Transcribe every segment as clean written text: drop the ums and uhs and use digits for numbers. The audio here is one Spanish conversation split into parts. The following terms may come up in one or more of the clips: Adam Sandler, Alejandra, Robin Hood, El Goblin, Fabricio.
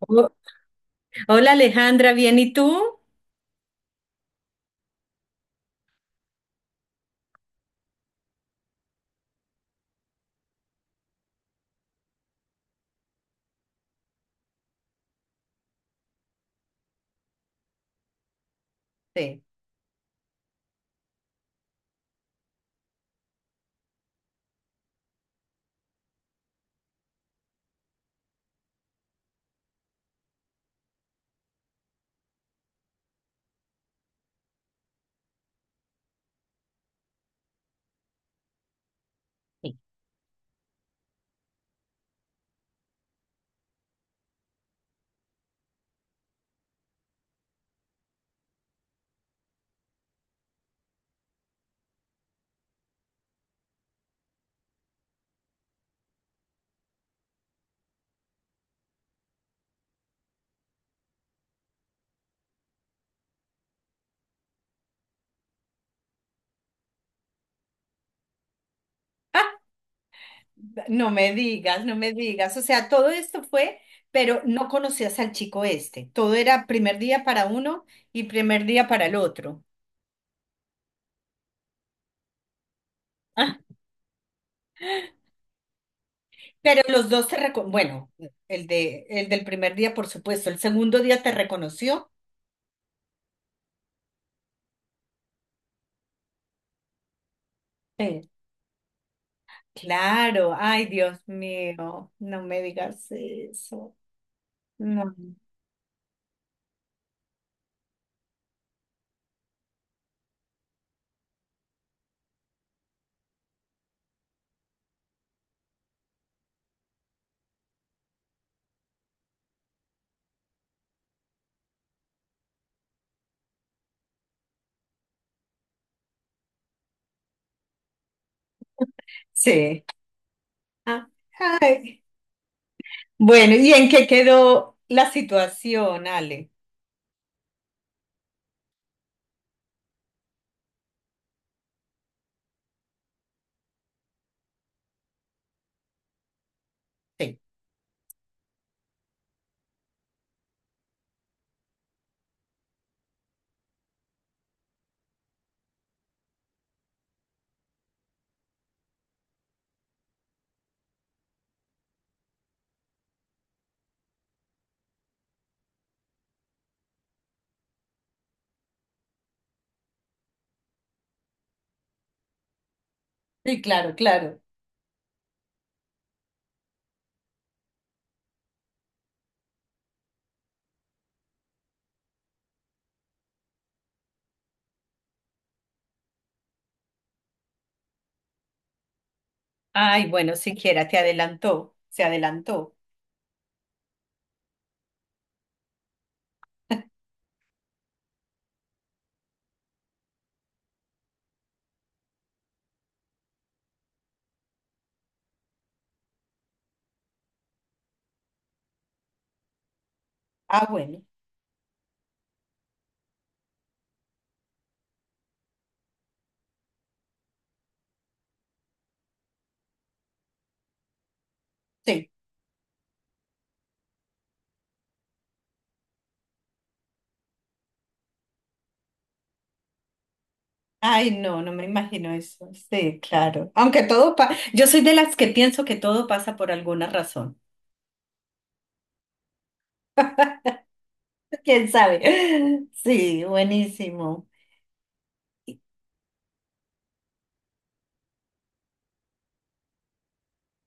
Oh, hola Alejandra, ¿bien y tú? Sí. Sí. Ah, no me digas, no me digas. O sea, todo esto fue, pero no conocías al chico este. Todo era primer día para uno y primer día para el otro. Ah, pero los dos te reco- bueno, el del primer día, por supuesto. El segundo día te reconoció. Sí. Claro, ay Dios mío, no me digas eso. No. Sí. Ah. Bueno, ¿y en qué quedó la situación, Ale? Sí, sí, claro, claro. Ay, bueno, siquiera te adelantó, se adelantó. Ah, bueno, sí. Ay, no, no me imagino eso. Sí, claro. Aunque todo pasa, yo soy de las que pienso que todo pasa por alguna razón. ¿Quién sabe? Sí, buenísimo.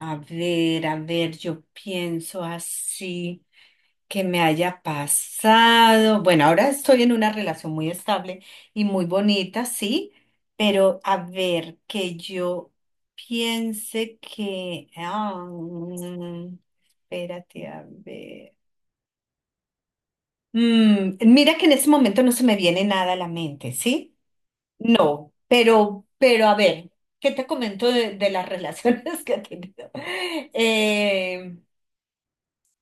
A ver, yo pienso así. Que me haya pasado. Bueno, ahora estoy en una relación muy estable y muy bonita, sí, pero a ver, que yo piense que... espérate, a ver. Mira que en este momento no se me viene nada a la mente, ¿sí? No, pero a ver, ¿qué te comento de las relaciones que he tenido? Eh,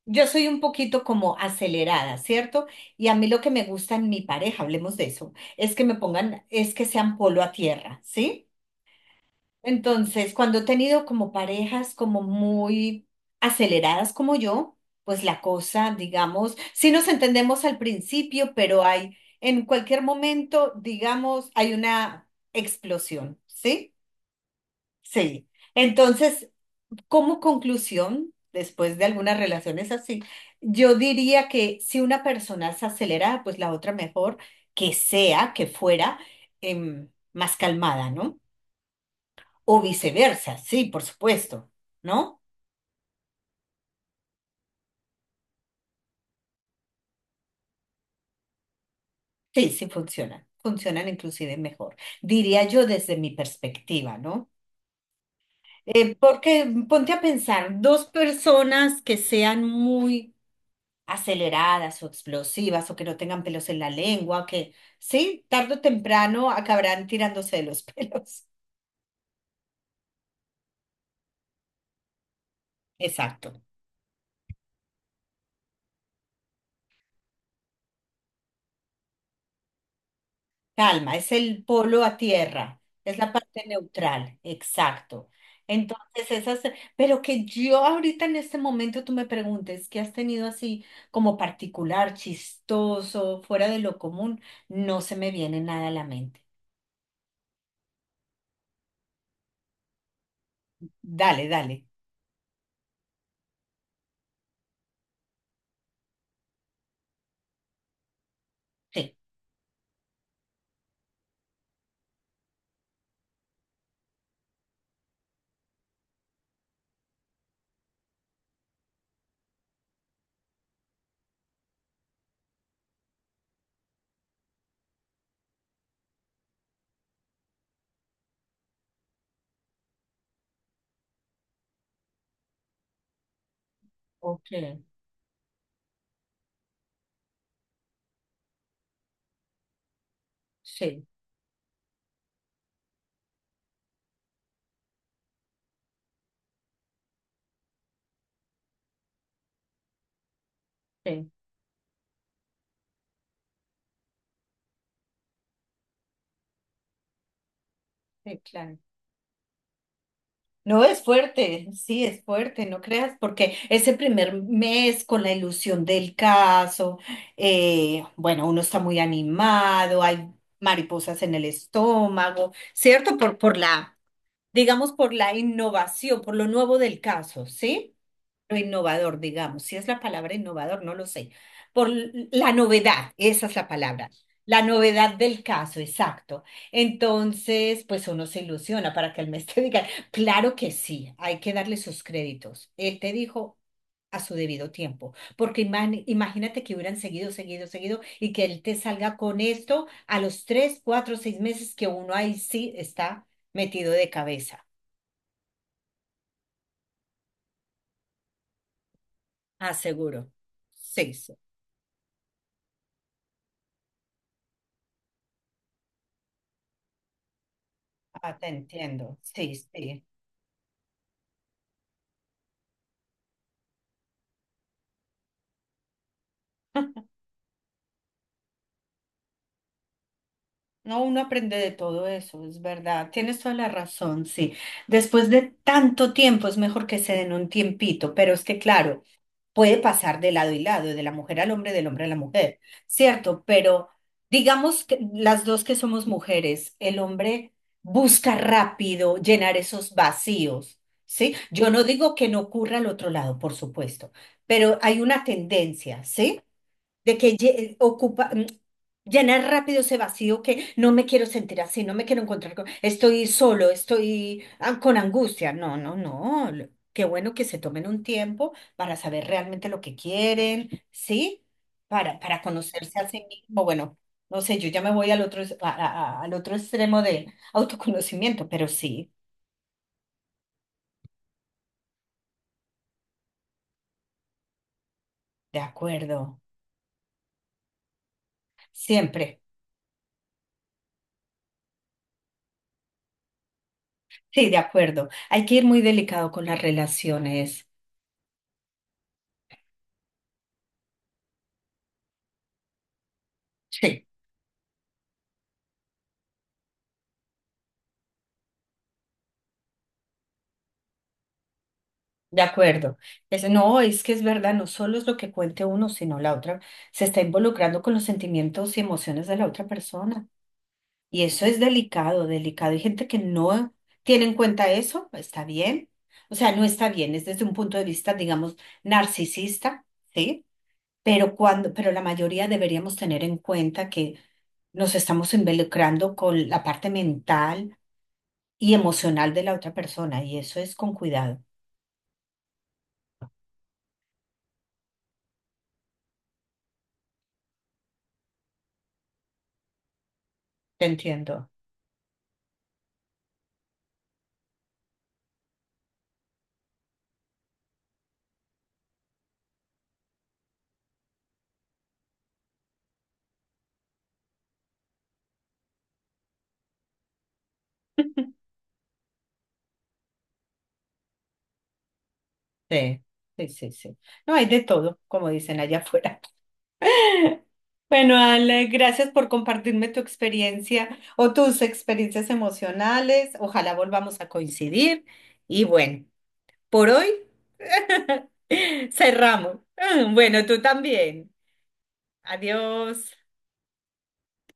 Yo soy un poquito como acelerada, ¿cierto? Y a mí lo que me gusta en mi pareja, hablemos de eso, es que me pongan, es que sean polo a tierra, ¿sí? Entonces, cuando he tenido como parejas como muy aceleradas como yo, pues la cosa, digamos, sí nos entendemos al principio, pero hay, en cualquier momento, digamos, hay una explosión, ¿sí? Sí. Entonces, como conclusión, después de algunas relaciones así, yo diría que si una persona es acelerada, pues la otra mejor que sea, que fuera más calmada, ¿no? O viceversa, sí, por supuesto, ¿no? Sí, sí funcionan, funcionan inclusive mejor, diría yo desde mi perspectiva, ¿no? Porque ponte a pensar, dos personas que sean muy aceleradas o explosivas o que no tengan pelos en la lengua, que sí, tarde o temprano acabarán tirándose de los pelos. Exacto. Calma, es el polo a tierra, es la parte neutral, exacto. Entonces, esas, pero que yo ahorita en este momento tú me preguntes, ¿qué has tenido así como particular, chistoso, fuera de lo común? No se me viene nada a la mente. Dale, dale. Sí. Ok. Sí, sí, sí, claro. No, es fuerte, sí, es fuerte, no creas, porque ese primer mes con la ilusión del caso, bueno, uno está muy animado, hay mariposas en el estómago, ¿cierto? Por la, digamos, por la innovación, por lo nuevo del caso, ¿sí? Lo innovador, digamos, si es la palabra innovador, no lo sé, por l- la novedad, esa es la palabra, la novedad del caso, exacto. Entonces, pues uno se ilusiona para que el mes te diga, claro que sí, hay que darle sus créditos. Él te dijo a su debido tiempo, porque imag- imagínate que hubieran seguido, seguido, seguido y que él te salga con esto a los tres, cuatro, seis meses que uno ahí sí está metido de cabeza, aseguro. Sí, sí. Ah, te entiendo. Sí, sí. No, uno aprende de todo eso, es verdad. Tienes toda la razón, sí. Después de tanto tiempo es mejor que se den un tiempito, pero es que claro, puede pasar de lado y lado, de la mujer al hombre, del hombre a la mujer, ¿cierto? Pero digamos que las dos que somos mujeres, el hombre busca rápido llenar esos vacíos, ¿sí? Yo no digo que no ocurra al otro lado, por supuesto, pero hay una tendencia, ¿sí? De que lle- ocupa, llenar rápido ese vacío que no me quiero sentir así, no me quiero encontrar con, estoy solo, estoy con angustia. No, no, no. lo- Qué bueno que se tomen un tiempo para saber realmente lo que quieren, ¿sí? Para conocerse a sí mismo. Bueno, no sé, yo ya me voy al otro, es- a- al otro extremo de autoconocimiento, pero sí, de acuerdo, siempre. Sí, de acuerdo. Hay que ir muy delicado con las relaciones. Sí. De acuerdo. Es, no, es que es verdad, no solo es lo que cuente uno, sino la otra se está involucrando con los sentimientos y emociones de la otra persona. Y eso es delicado, delicado. Hay gente que no tiene en cuenta eso, está bien. O sea, no está bien, es desde un punto de vista, digamos, narcisista, ¿sí? Pero cuando, pero la mayoría deberíamos tener en cuenta que nos estamos involucrando con la parte mental y emocional de la otra persona, y eso es con cuidado. Te entiendo. Sí, sí, sí, sí. No hay de todo, como dicen allá afuera. Bueno, Ale, gracias por compartirme tu experiencia o tus experiencias emocionales. Ojalá volvamos a coincidir. Y bueno, por hoy cerramos. Bueno, tú también. Adiós.